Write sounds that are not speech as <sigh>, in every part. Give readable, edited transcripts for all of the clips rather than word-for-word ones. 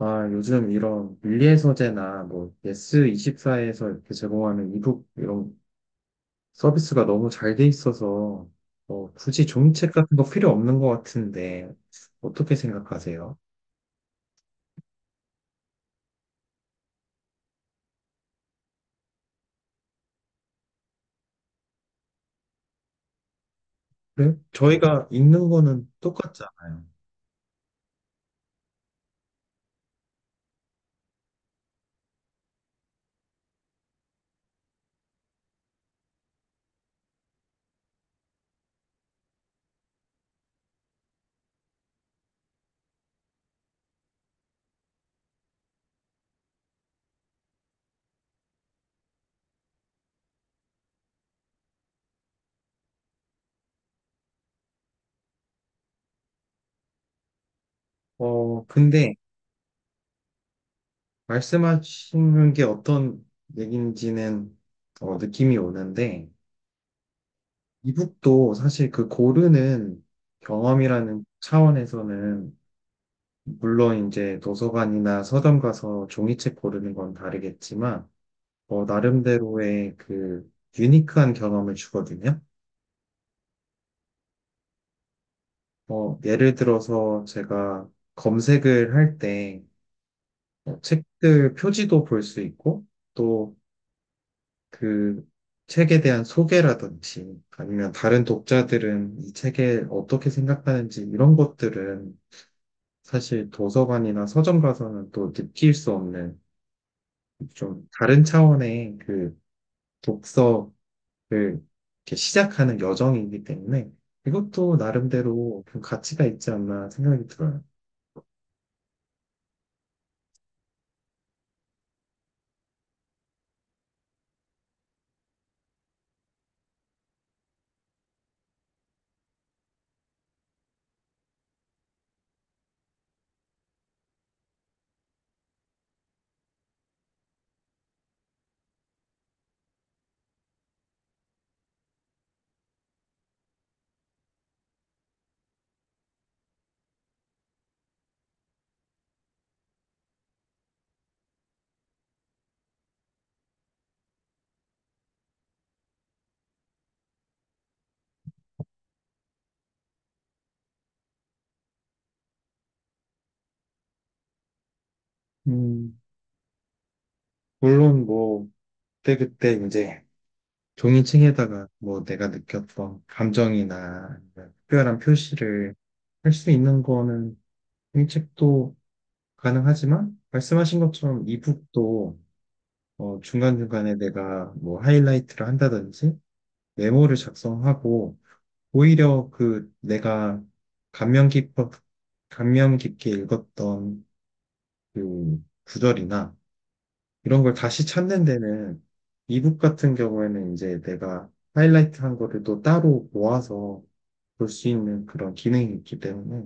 아, 요즘 이런 밀리의 서재나 뭐 예스24에서 이렇게 제공하는 이북 이런 서비스가 너무 잘 돼 있어서 뭐 굳이 종이책 같은 거 필요 없는 것 같은데 어떻게 생각하세요? 그래? 저희가 읽는 거는 똑같잖아요. 어, 근데 말씀하시는 게 어떤 얘기인지는 어, 느낌이 오는데 이북도 사실 그 고르는 경험이라는 차원에서는 물론 이제 도서관이나 서점 가서 종이책 고르는 건 다르겠지만, 어, 나름대로의 그 유니크한 경험을 주거든요. 어, 예를 들어서 제가 검색을 할때 어, 책들 표지도 볼 수 있고, 또 그 책에 대한 소개라든지, 아니면 다른 독자들은 이 책에 어떻게 생각하는지 이런 것들은 사실 도서관이나 서점 가서는 또 느낄 수 없는 좀 다른 차원의 그 독서를 이렇게 시작하는 여정이기 때문에 이것도 나름대로 좀 가치가 있지 않나 생각이 들어요. 음, 물론 뭐 그때그때 이제 종이책에다가 뭐 내가 느꼈던 감정이나 아니면 특별한 표시를 할 수 있는 거는 종이책도 가능하지만 말씀하신 것처럼 이북도 어, 중간중간에 내가 뭐 하이라이트를 한다든지 메모를 작성하고 오히려 그 내가 감명 깊어, 감명 깊게 읽었던 그 구절이나 이런 걸 다시 찾는 데는 이북 같은 경우에는 이제 내가 하이라이트 한 거를 또 따로 모아서 볼 수 있는 그런 기능이 있기 때문에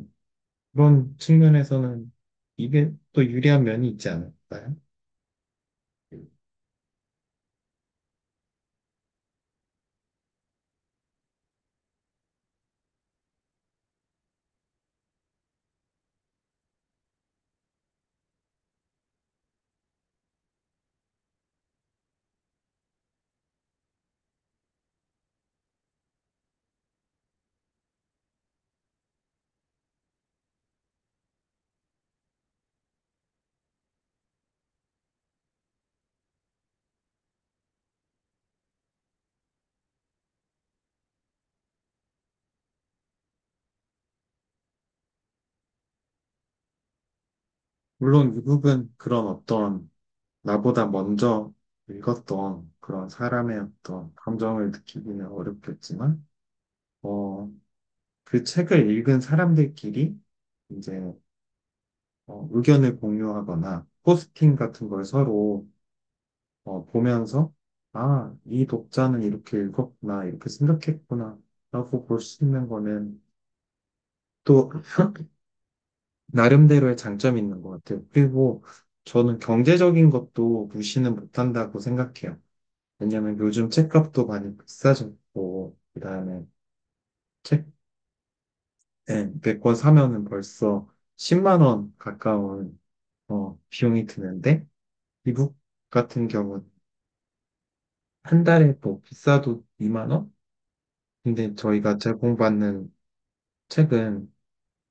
그런 측면에서는 이게 또 유리한 면이 있지 않을까요? 물론 이북은 그런 어떤 나보다 먼저 읽었던 그런 사람의 어떤 감정을 느끼기는 어렵겠지만, 어, 그 책을 읽은 사람들끼리 이제 어, 의견을 공유하거나 포스팅 같은 걸 서로 어, 보면서 아, 이 독자는 이렇게 읽었구나, 이렇게 생각했구나 라고 볼 수 있는 거는 또 나름대로의 장점이 있는 것 같아요. 그리고 저는 경제적인 것도 무시는 못한다고 생각해요. 왜냐면 요즘 책값도 많이 비싸졌고, 그다음에 책 예, 100권 사면은 벌써 10만 원 가까운 어, 비용이 드는데, 미국 같은 경우는 한 달에 뭐 비싸도 2만 원? 근데 저희가 제공받는 책은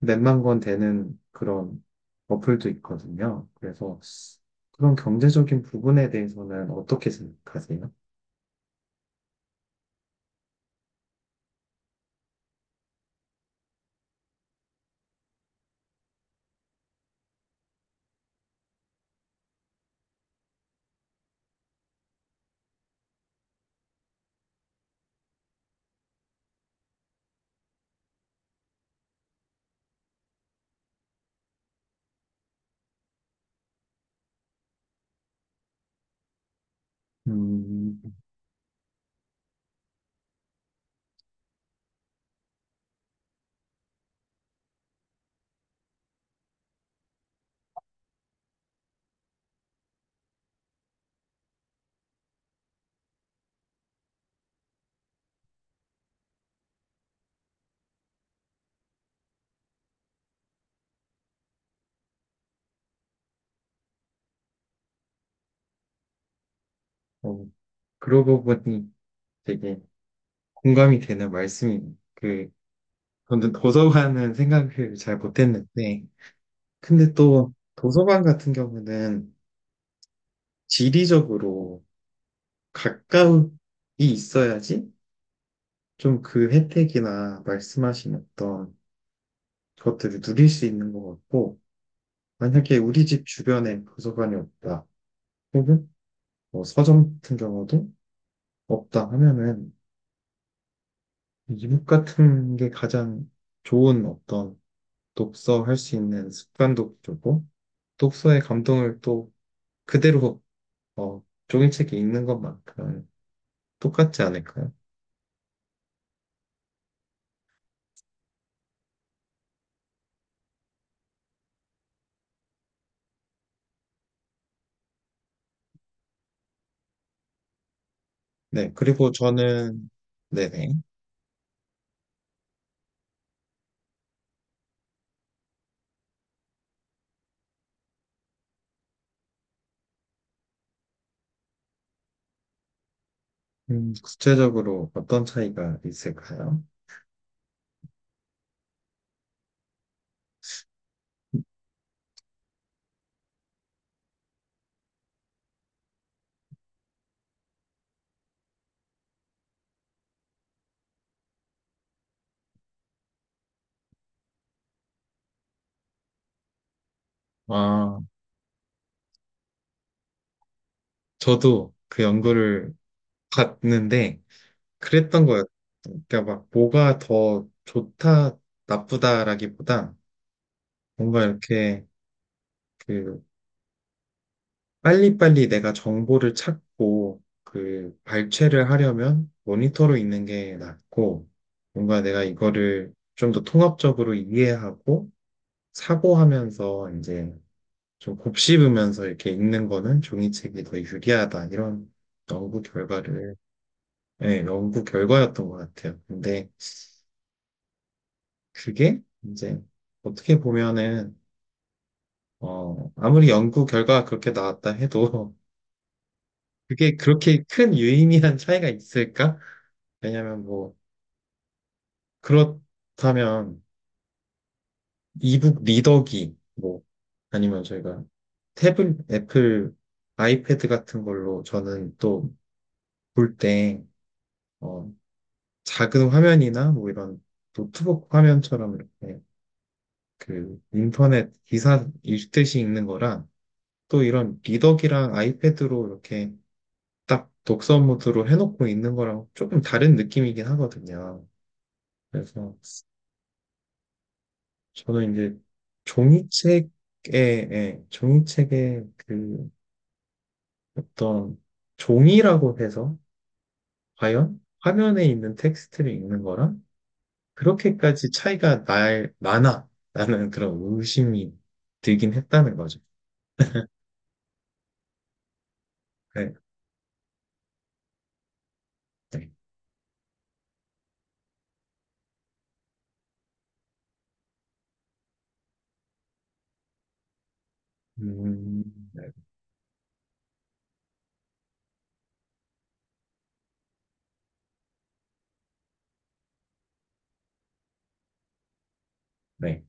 몇만 권 되는 그런 어플도 있거든요. 그래서 그런 경제적인 부분에 대해서는 어떻게 생각하세요? 음, 어, 그러고 보니 되게 공감이 되는 말씀이네요. 그, 저는 도서관은 <laughs> 생각을 잘 못했는데, 근데 또 도서관 같은 경우는 지리적으로 가까이 있어야지 좀 그 혜택이나 말씀하신 어떤 것들을 누릴 수 있는 것 같고, 만약에 우리 집 주변에 도서관이 없다, 혹은 뭐 서점 같은 경우도 없다 하면은 이북 같은 게 가장 좋은 어떤 독서 할 수 있는 습관도 주고, 독서의 감동을 또 그대로 어, 종이책에 있는 것만큼 똑같지 않을까요? 네, 그리고 저는, 네네. 구체적으로 어떤 차이가 있을까요? 아, 저도 그 연구를 봤는데 그랬던 거예요. 그러니까 막 뭐가 더 좋다, 나쁘다라기보다 뭔가 이렇게 그 빨리빨리 내가 정보를 찾고 그 발췌를 하려면 모니터로 있는 게 낫고 뭔가 내가 이거를 좀 더 통합적으로 이해하고 사고하면서 이제 좀 곱씹으면서 이렇게 읽는 거는 종이책이 더 유리하다 이런 연구 결과를 예, 연구 결과였던 것 같아요. 근데 그게 이제 어떻게 보면은 어 아무리 연구 결과가 그렇게 나왔다 해도 <laughs> 그게 그렇게 큰 유의미한 차이가 있을까? 왜냐면 뭐 그렇다면 이북 리더기 뭐 아니면 저희가 태블 애플 아이패드 같은 걸로 저는 또 볼때 작은 화면이나 뭐 이런 노트북 화면처럼 이렇게 그 인터넷 기사 읽듯이 읽는 거랑 또 이런 리더기랑 아이패드로 이렇게 딱 독서 모드로 해놓고 읽는 거랑 조금 다른 느낌이긴 하거든요. 그래서 저는 이제 종이책에, 예, 종이책의 그 어떤 종이라고 해서 과연 화면에 있는 텍스트를 읽는 거랑 그렇게까지 나나? 라는 그런 의심이 들긴 했다는 거죠. 네, 네. 음, 네, 네,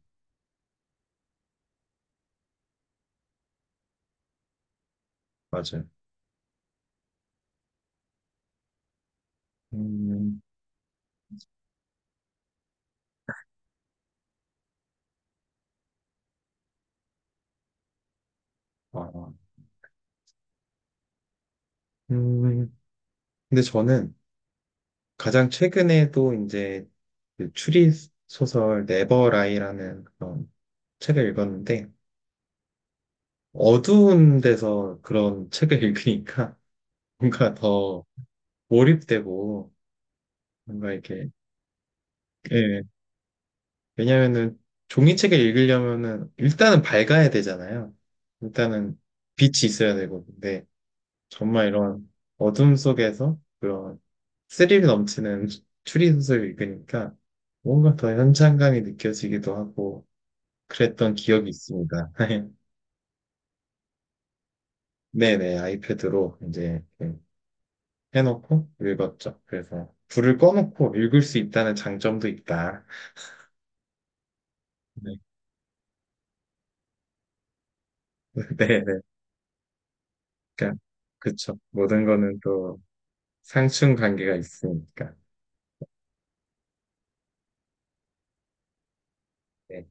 맞아요. 음, 아, 음, 근데 저는 가장 최근에도 이제 그 추리소설 네버라이라는 그런 책을 읽었는데, 어두운 데서 그런 <laughs> 책을 읽으니까 뭔가 더 몰입되고, 뭔가 이렇게, 예, 왜냐면은 종이책을 읽으려면은 일단은 밝아야 되잖아요. 일단은 빛이 있어야 되고. 근데 정말 이런 어둠 속에서 그런 스릴 넘치는 <laughs> 추리소설을 읽으니까 뭔가 더 현장감이 느껴지기도 하고 그랬던 기억이 있습니다. <laughs> 네네, 아이패드로 이제 이렇게 해놓고 읽었죠. 그래서 불을 꺼놓고 읽을 수 있다는 장점도 있다. 네, <laughs> 네네. 그러니까 그쵸. 모든 거는 또 상충 관계가 있으니까. 네.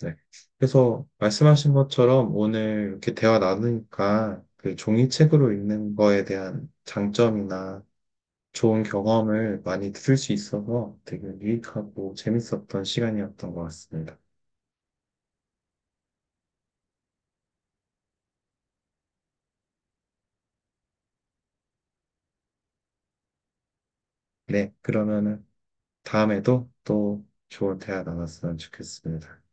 네. 그래서 말씀하신 것처럼 오늘 이렇게 대화 나누니까 그 종이책으로 읽는 거에 대한 장점이나 좋은 경험을 많이 들을 수 있어서 되게 유익하고 재밌었던 시간이었던 것 같습니다. 네. 그러면은 다음에도 또 좋은 대화 나눴으면 좋겠습니다.